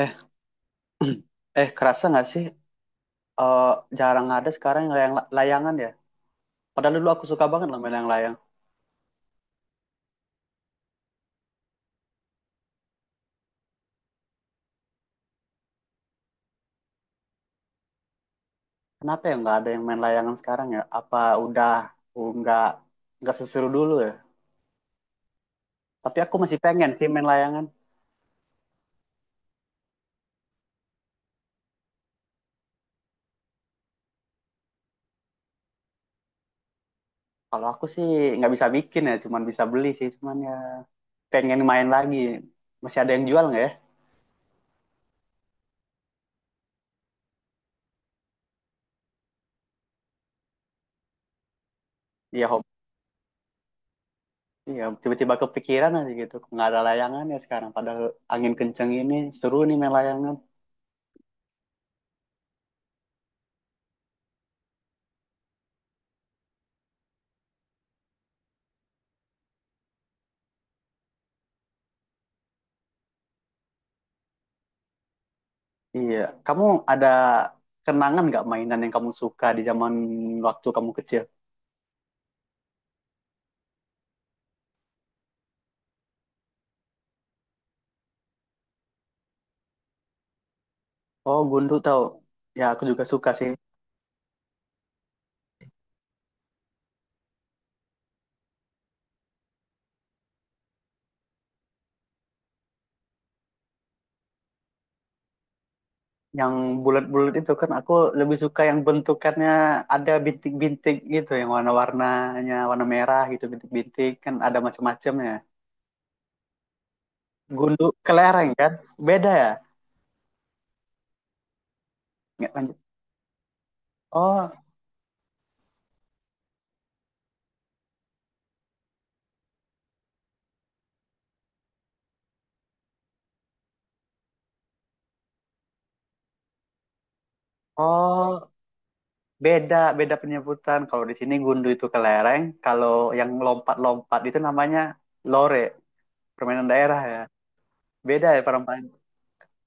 Eh, kerasa nggak sih? eh, Jarang ada sekarang yang layangan ya. Padahal dulu aku suka banget loh main layang-layang. Kenapa ya nggak ada yang main layangan sekarang ya? Apa udah uh, nggak nggak seseru dulu ya? Tapi aku masih pengen sih main layangan. Kalau aku sih nggak bisa bikin ya, cuman bisa beli sih. Cuman ya pengen main lagi. Masih ada yang jual nggak ya? Iya, hobi. Iya, tiba-tiba kepikiran aja gitu. Nggak ada layangan ya sekarang. Padahal angin kenceng ini seru nih main layangan. Iya, kamu ada kenangan nggak mainan yang kamu suka di zaman waktu kamu kecil? Oh, gundu tahu. Ya, aku juga suka sih. Yang bulat-bulat itu kan aku lebih suka yang bentukannya ada bintik-bintik gitu, yang warna-warnanya warna merah gitu, bintik-bintik kan ada macam-macamnya. Gundu kelereng kan? Beda ya? Nggak lanjut. Oh, oh, beda, beda penyebutan. Kalau di sini gundu itu kelereng, kalau yang lompat-lompat itu namanya lore, permainan daerah ya. Beda ya perempuan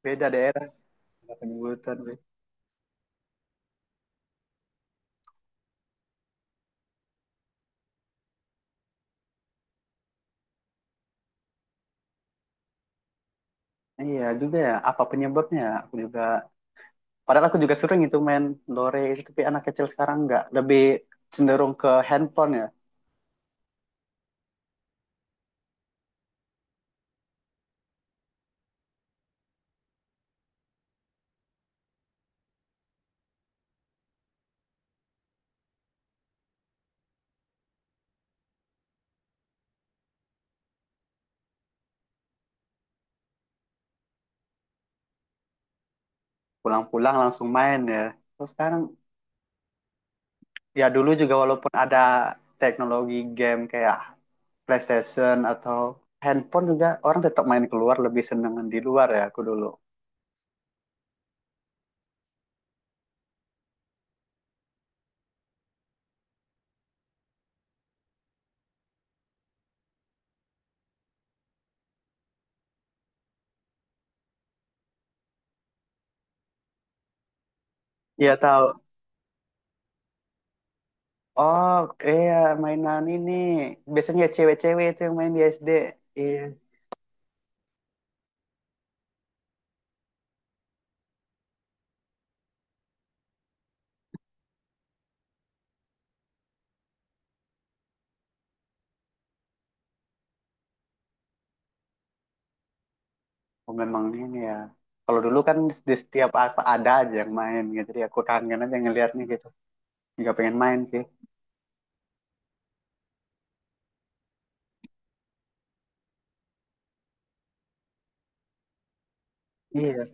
beda daerah beda penyebutan Be. Iya juga ya, apa penyebabnya aku juga padahal aku juga sering itu main lore itu, tapi anak kecil sekarang nggak, lebih cenderung ke handphone ya. Pulang-pulang langsung main ya, terus sekarang ya dulu juga walaupun ada teknologi game kayak PlayStation atau handphone juga orang tetap main keluar, lebih seneng di luar ya aku dulu. Iya tahu. Oh iya, mainan ini biasanya ya cewek-cewek itu yang main di SD. Iya. Oh, memang ini ya. Kalau dulu kan di setiap apa ada aja yang main gitu. Jadi aku kangen aja ngeliatnya gitu. Nggak pengen main sih. Iya,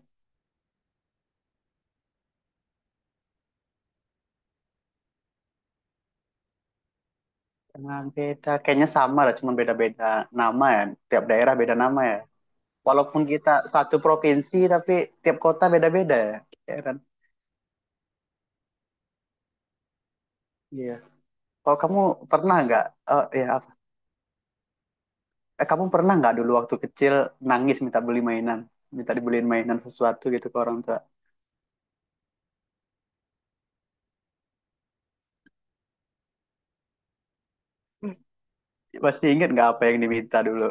emang beda. Kayaknya sama lah, cuma beda-beda nama ya. Tiap daerah beda nama ya. Walaupun kita satu provinsi, tapi tiap kota beda-beda ya. Ya kan? Iya. Kalau kamu pernah nggak, eh ya apa? Eh, kamu pernah nggak dulu waktu kecil nangis minta beli mainan? Minta dibeliin mainan sesuatu gitu ke orang tua. Pasti inget nggak apa yang diminta dulu?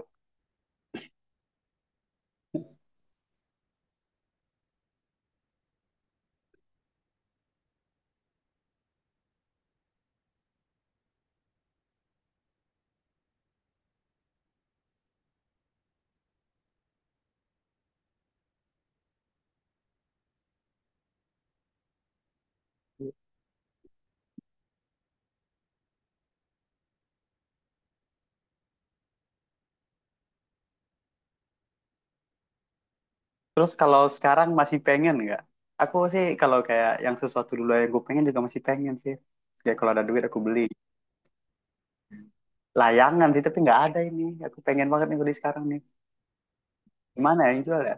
Terus kalau sekarang masih pengen nggak? Aku sih kalau kayak yang sesuatu dulu yang gue pengen juga masih pengen sih. Kayak kalau ada duit aku beli. Layangan sih, tapi nggak ada ini. Aku pengen banget nih beli sekarang nih. Gimana ya yang jual ya?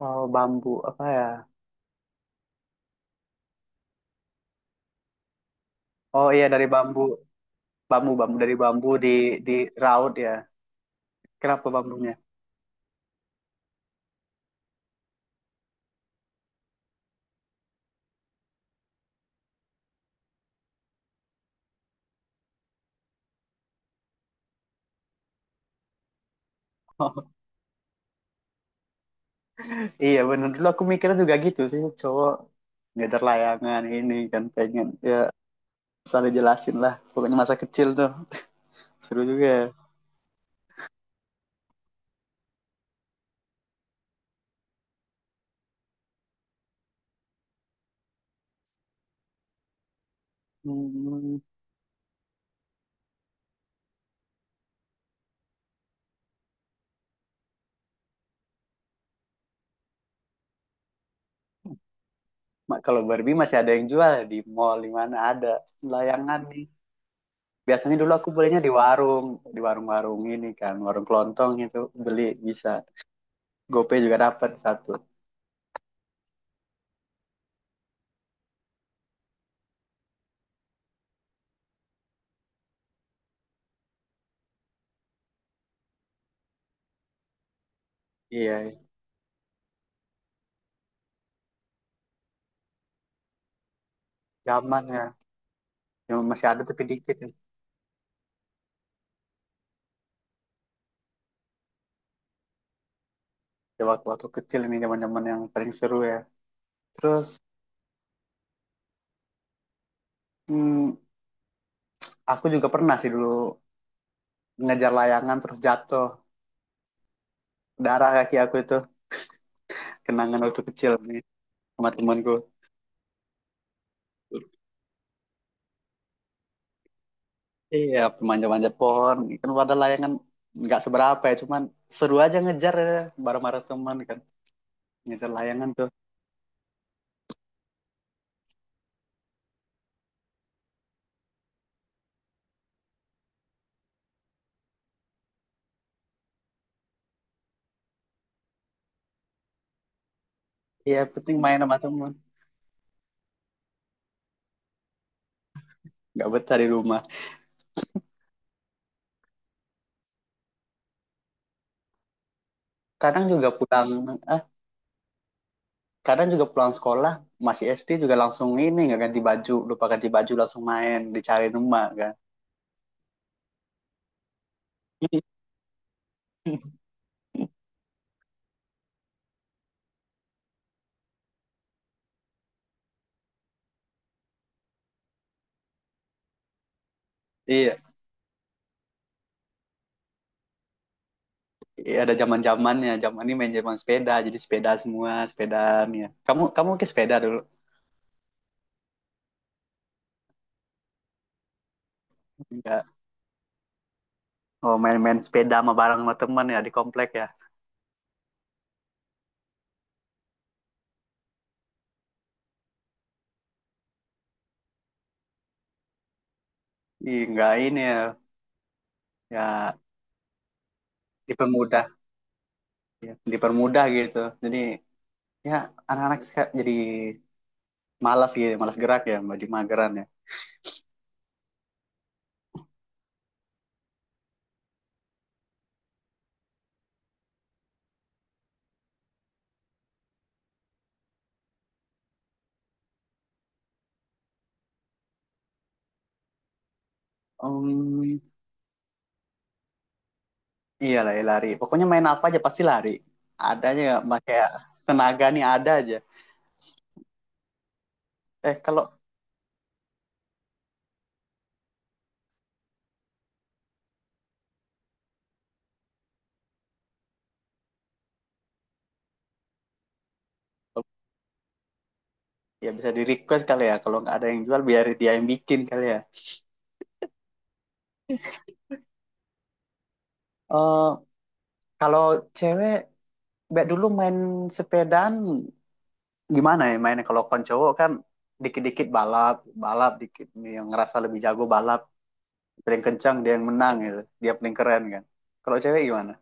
Oh, bambu. Apa ya? Oh iya, dari bambu. Bambu, bambu. Dari bambu di raut ya. Kenapa bambunya? Iya bener. Dulu aku mikirnya juga gitu sih. Cowok ngejar layangan ini kan pengen. Ya, usah jelasin lah. Pokoknya masa kecil tuh. Seru juga ya. Hmm. Kalau Barbie masih ada yang jual di mall, di mana ada layangan nih. Biasanya dulu aku belinya di warung, di warung-warung ini kan, warung kelontong itu beli bisa. GoPay juga dapat satu. Iya, zaman ya. Yang masih ada tapi dikit nih. Ya, waktu-waktu kecil ini zaman-zaman yang paling seru ya. Terus hmm, aku juga pernah sih dulu ngejar layangan terus jatuh. Darah kaki aku itu kenangan waktu kecil nih sama temanku. Iya, manja-manja pohon. Kan pada layangan nggak seberapa ya, cuman seru aja ngejar ya, bareng-bareng teman kan. Ngejar layangan tuh. Iya, penting main sama teman. Nggak betah di rumah. Kadang juga pulang, ah, kadang juga pulang sekolah, masih SD juga langsung ini, nggak ganti baju. Lupa ganti baju langsung main, dicari rumah kan. Iya, iya, ada zaman-zamannya. Zaman ini main zaman sepeda, jadi sepeda semua, sepedaan ya. Kamu kamu ke sepeda dulu? Enggak. Oh, main-main sepeda sama bareng sama teman ya di komplek ya. Ih, nggak ini ya, ya dipermudah, ya, dipermudah gitu. Jadi ya anak-anak jadi malas gitu, malas gerak ya, jadi mageran ya. Um, Iyalah ya lari. Pokoknya main apa aja pasti lari. Ada aja nggak pakai tenaga nih ada aja. Eh kalau ya bisa di request kali ya, kalau nggak ada yang jual biar dia yang bikin kali ya. Eh kalau cewek, Mbak dulu main sepedaan gimana ya mainnya, kalau kon cowok kan dikit-dikit balap, balap dikit, yang ngerasa lebih jago balap paling kencang dia yang menang gitu, dia paling keren kan, kalau cewek gimana?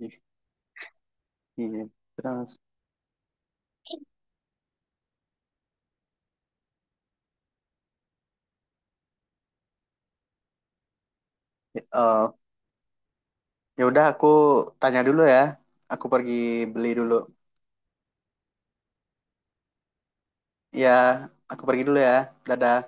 Ih, iya terus eh, ya udah aku tanya dulu ya, aku pergi beli dulu ya, aku pergi dulu ya, dadah